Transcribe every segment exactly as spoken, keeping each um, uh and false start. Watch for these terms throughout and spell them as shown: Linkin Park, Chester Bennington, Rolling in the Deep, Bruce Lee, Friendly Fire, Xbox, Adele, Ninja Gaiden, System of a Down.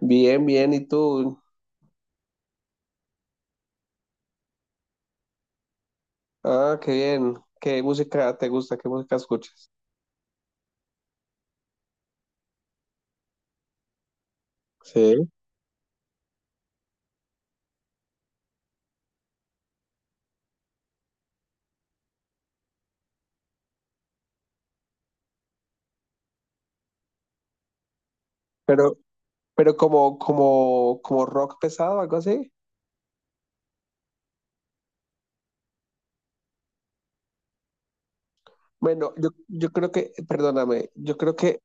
Bien, bien, ¿y tú? Ah, qué bien. ¿Qué música te gusta? ¿Qué música escuchas? Sí. Pero, pero como, como, como rock pesado, algo así. Bueno, yo, yo creo que, perdóname, yo creo que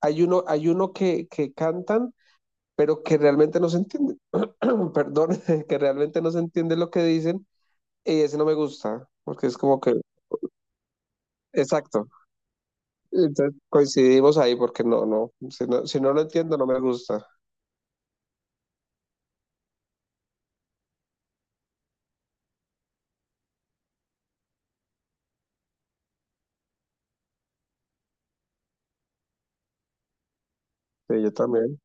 hay uno, hay uno que, que cantan, pero que realmente no se entiende, perdón, que realmente no se entiende lo que dicen, y ese no me gusta, porque es como que, exacto. Entonces coincidimos ahí porque no, no, si no, si no lo entiendo no me gusta. Sí, yo también.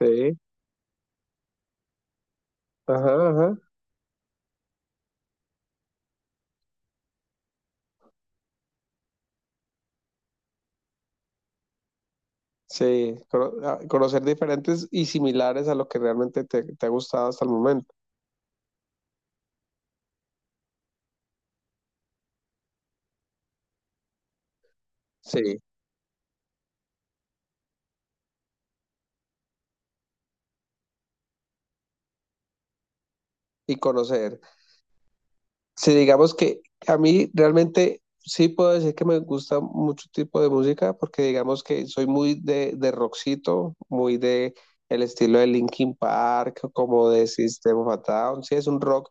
Sí. Ajá, ajá. Sí, cono- a- conocer diferentes y similares a lo que realmente te, te ha gustado hasta el momento. Sí, y conocer. Si digamos que a mí realmente sí puedo decir que me gusta mucho tipo de música, porque digamos que soy muy de, de rockcito, muy de el estilo de Linkin Park, como de System of a Down. Sí, es un rock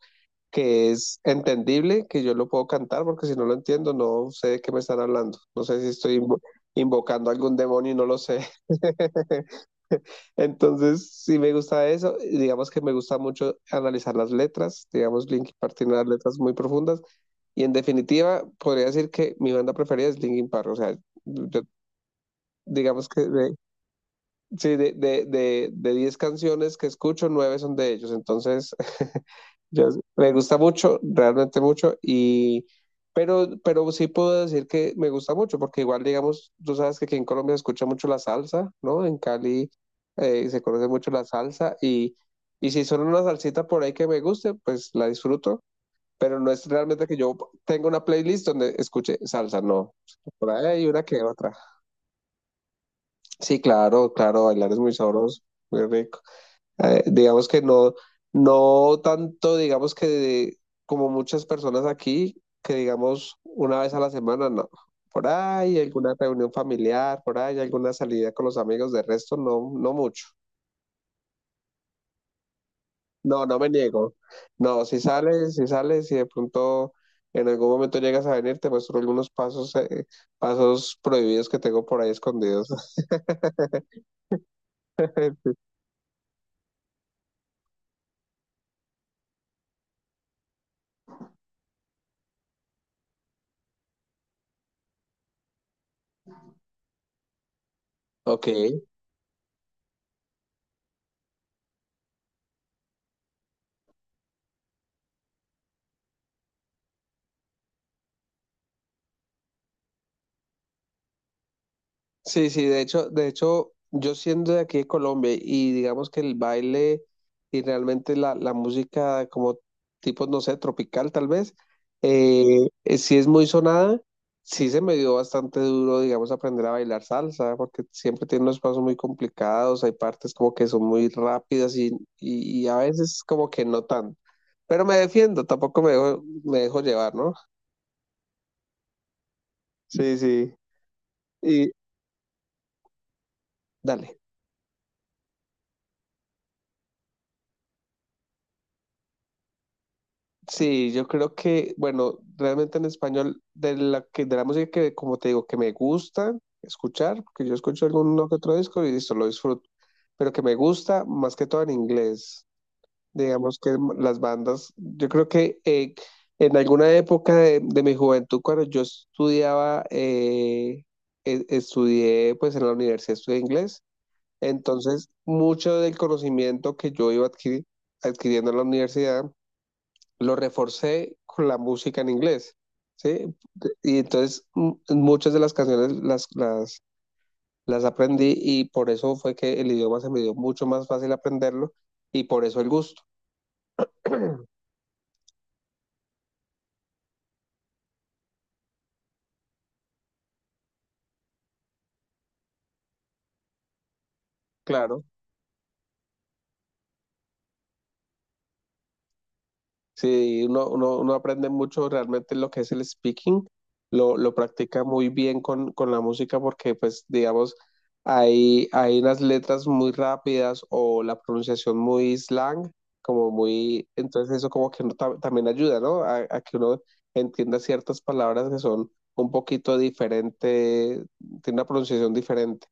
que es entendible, que yo lo puedo cantar, porque si no lo entiendo, no sé de qué me están hablando. No sé si estoy invo- invocando a algún demonio y no lo sé. Entonces, sí me gusta eso. y digamos que me gusta mucho analizar las letras. Digamos, Linkin Park tiene unas letras muy profundas. Y en definitiva, podría decir que mi banda preferida es Linkin Park. O sea, yo, digamos que de, sí, de, de, de, de diez canciones que escucho, nueve son de ellos. Entonces, yo- me gusta mucho, realmente mucho. Y, pero, pero sí puedo decir que me gusta mucho, porque igual, digamos, tú sabes que aquí en Colombia se escucha mucho la salsa, ¿no? En Cali eh, se conoce mucho la salsa. Y, y si son una salsita por ahí que me guste, pues la disfruto. Pero no es realmente que yo tenga una playlist donde escuche salsa, no. Por ahí hay una que otra. Sí, claro, claro, bailar es muy sabroso, muy rico, eh, digamos que no, no tanto, digamos que de- como muchas personas aquí, que digamos una vez a la semana, no. Por ahí alguna reunión familiar, por ahí alguna salida con los amigos, de resto no, no mucho. No, no me niego. No, si sales, si sales, si de pronto en algún momento llegas a venir, te muestro algunos pasos, eh, pasos prohibidos que tengo por ahí escondidos. Ok. Sí, sí, de hecho, de hecho, yo siendo de aquí de Colombia y digamos que el baile y realmente la, la música como tipo, no sé, tropical tal vez, eh, eh, sí es muy sonada, sí se me dio bastante duro, digamos, aprender a bailar salsa, porque siempre tiene unos pasos muy complicados, hay partes como que son muy rápidas y, y, y a veces como que no tan, pero me defiendo, tampoco me dejo, me dejo llevar, ¿no? Sí, sí, y dale. Sí, yo creo que, bueno, realmente en español, de la, que, de la música que, como te digo, que me gusta escuchar, porque yo escucho alguno que otro disco y listo, lo disfruto, pero que me gusta más que todo en inglés. Digamos que las bandas, yo creo que, eh, en alguna época de, de mi juventud, cuando yo estudiaba, eh, e- estudié pues en la universidad, estudié inglés, entonces mucho del conocimiento que yo iba adquiri- adquiriendo en la universidad, lo reforcé con la música en inglés, ¿sí? Y entonces m- muchas de las canciones las, las, las aprendí y por eso fue que el idioma se me dio mucho más fácil aprenderlo y por eso el gusto, claro. Sí, uno, uno, uno aprende mucho realmente lo que es el speaking, lo, lo practica muy bien con, con la música porque pues digamos hay, hay unas letras muy rápidas o la pronunciación muy slang, como muy, entonces eso como que uno ta- también ayuda, ¿no? A, a que uno entienda ciertas palabras que son un poquito diferentes, tiene una pronunciación diferente.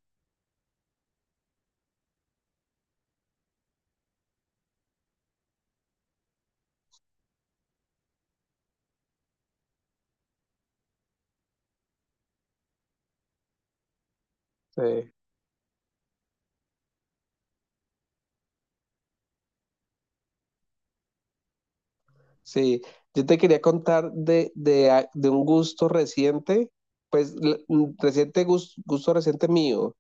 Sí. Sí, yo te quería contar de, de, a- de un gusto reciente, pues l- un reciente gus- gusto, reciente mío.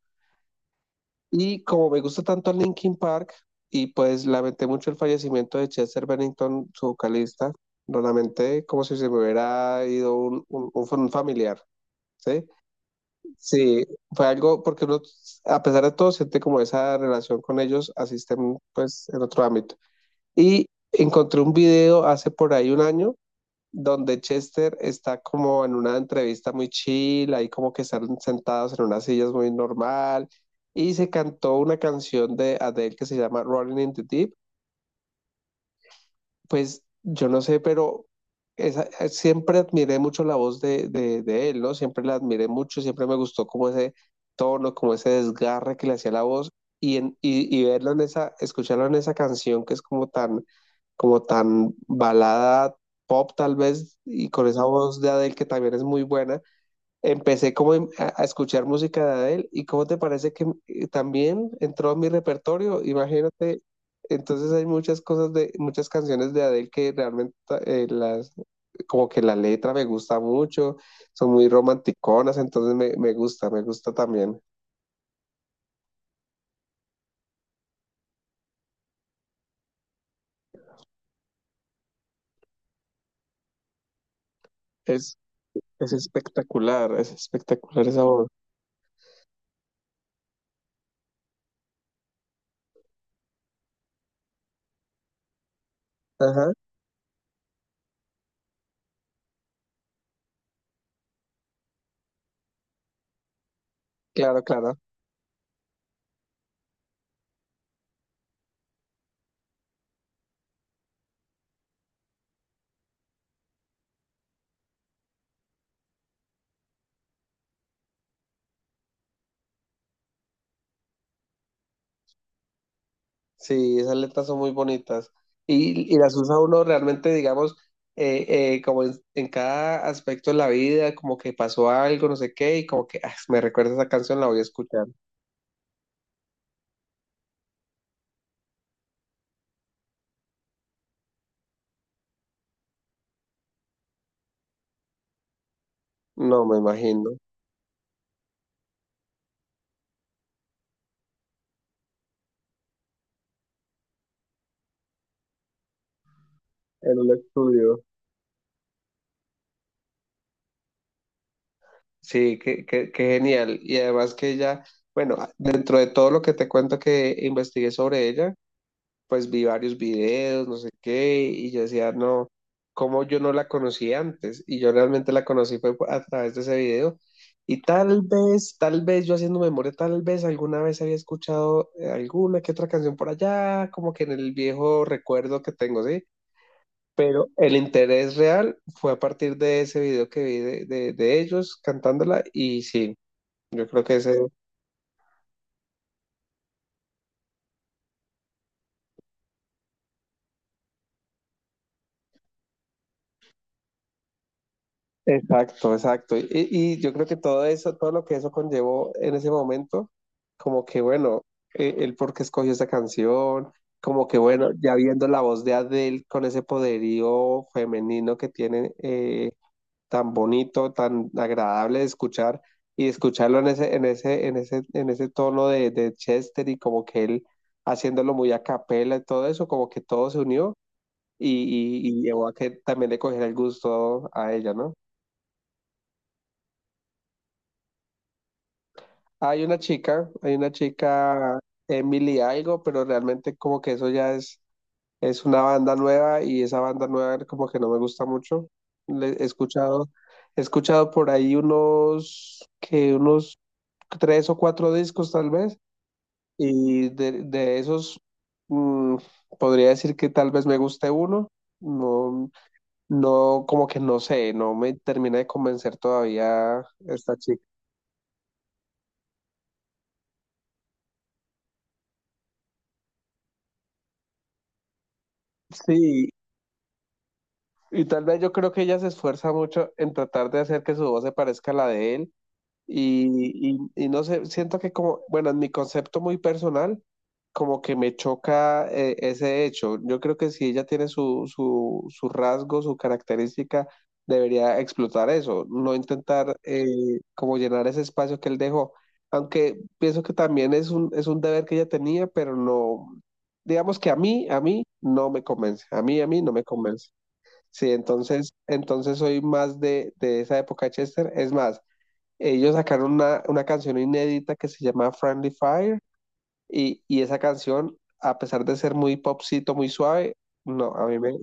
Y como me gusta tanto Linkin Park, y pues lamenté mucho el fallecimiento de Chester Bennington, su vocalista, lo lamenté como si se me hubiera ido un, un- un fa- un familiar, ¿sí? Sí, fue algo porque uno, a pesar de todo, siente como esa relación con ellos, asisten pues en otro ámbito. Y encontré un video hace por ahí un año donde Chester está como en una entrevista muy chill, ahí como que están sentados en unas sillas muy normal, y se cantó una canción de Adele que se llama Rolling in the Deep. Pues yo no sé, pero esa- eh, siempre admiré mucho la voz de, de, de él, ¿no? Siempre la admiré mucho, siempre me gustó como ese tono, como ese desgarre que le hacía la voz, y, en, y, y verlo en esa, escucharlo en esa canción que es como tan como tan balada pop tal vez, y con esa voz de Adele que también es muy buena, empecé como en- a, a escuchar música de Adele y cómo te parece que, eh, también entró en mi repertorio, imagínate, entonces hay muchas cosas de, muchas canciones de Adele que realmente, eh, las, como que la letra me gusta mucho, son muy romanticonas, entonces me, me gusta, me gusta también. Es, es espectacular, es espectacular esa voz. Ajá, claro, claro. Sí, esas letras son muy bonitas. Y, y las usa uno realmente, digamos, eh, eh, como en, en cada aspecto de la vida, como que pasó algo, no sé qué, y como que ah, me recuerda esa canción, la voy a escuchar. No, me imagino. En un estudio. Sí, qué, qué, qué genial. Y además que ella, bueno, dentro de todo lo que te cuento que investigué sobre ella, pues vi varios videos, no sé qué, y yo decía, no, ¿cómo yo no la conocí antes? Y yo realmente la conocí fue a través de ese video. Y tal vez, tal vez yo haciendo memoria, tal vez alguna vez había escuchado, eh, alguna que otra canción por allá, como que en el viejo recuerdo que tengo, ¿sí? Pero el interés real fue a partir de ese video que vi de, de, de ellos cantándola y sí, yo creo que ese exacto, exacto. Y, y yo creo que todo eso, todo lo que eso conllevó en ese momento, como que bueno, eh, el por qué escogió esa canción, como que bueno, ya viendo la voz de Adele con ese poderío femenino que tiene, eh, tan bonito, tan agradable de escuchar y escucharlo en ese, en ese, en ese, en ese tono de, de Chester y como que él haciéndolo muy a capela y todo eso, como que todo se unió y, y, y llevó a que también le cogiera el gusto a ella, ¿no? Hay una chica, hay una chica, Emily algo, pero realmente como que eso ya es, es una banda nueva y esa banda nueva como que no me gusta mucho. Le- he escuchado, he escuchado por ahí unos, que unos tres o cuatro discos tal vez, y de, de esos, mm, podría decir que tal vez me guste uno. No, no, como que no sé, no me termina de convencer todavía esta chica. Sí, y tal vez yo creo que ella se esfuerza mucho en tratar de hacer que su voz se parezca a la de él. Y, y, y no sé, siento que como, bueno, en mi concepto muy personal, como que me choca, eh, ese hecho. Yo creo que si ella tiene su, su, su rasgo, su característica, debería explotar eso, no intentar, eh, como llenar ese espacio que él dejó. Aunque pienso que también es un, es un deber que ella tenía, pero no, digamos que a mí, a mí no me convence, a mí, a mí no me convence. Sí, entonces, entonces soy más de, de esa época de Chester. Es más, ellos sacaron una, una canción inédita que se llama Friendly Fire y, y esa canción, a pesar de ser muy popcito, muy suave, no, a mí me,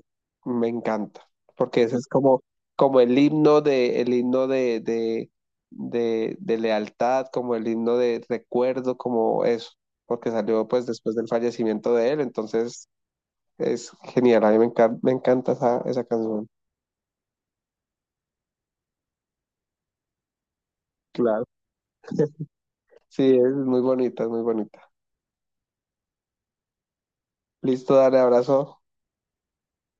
me encanta, porque ese es como, como el himno de, el himno de, de, de, de lealtad, como el himno de recuerdo, como eso, porque salió pues después del fallecimiento de él, entonces es genial, a mí me encanta, me encanta esa, esa canción. Claro. Sí, es muy bonita, es muy bonita. Listo, dale abrazo.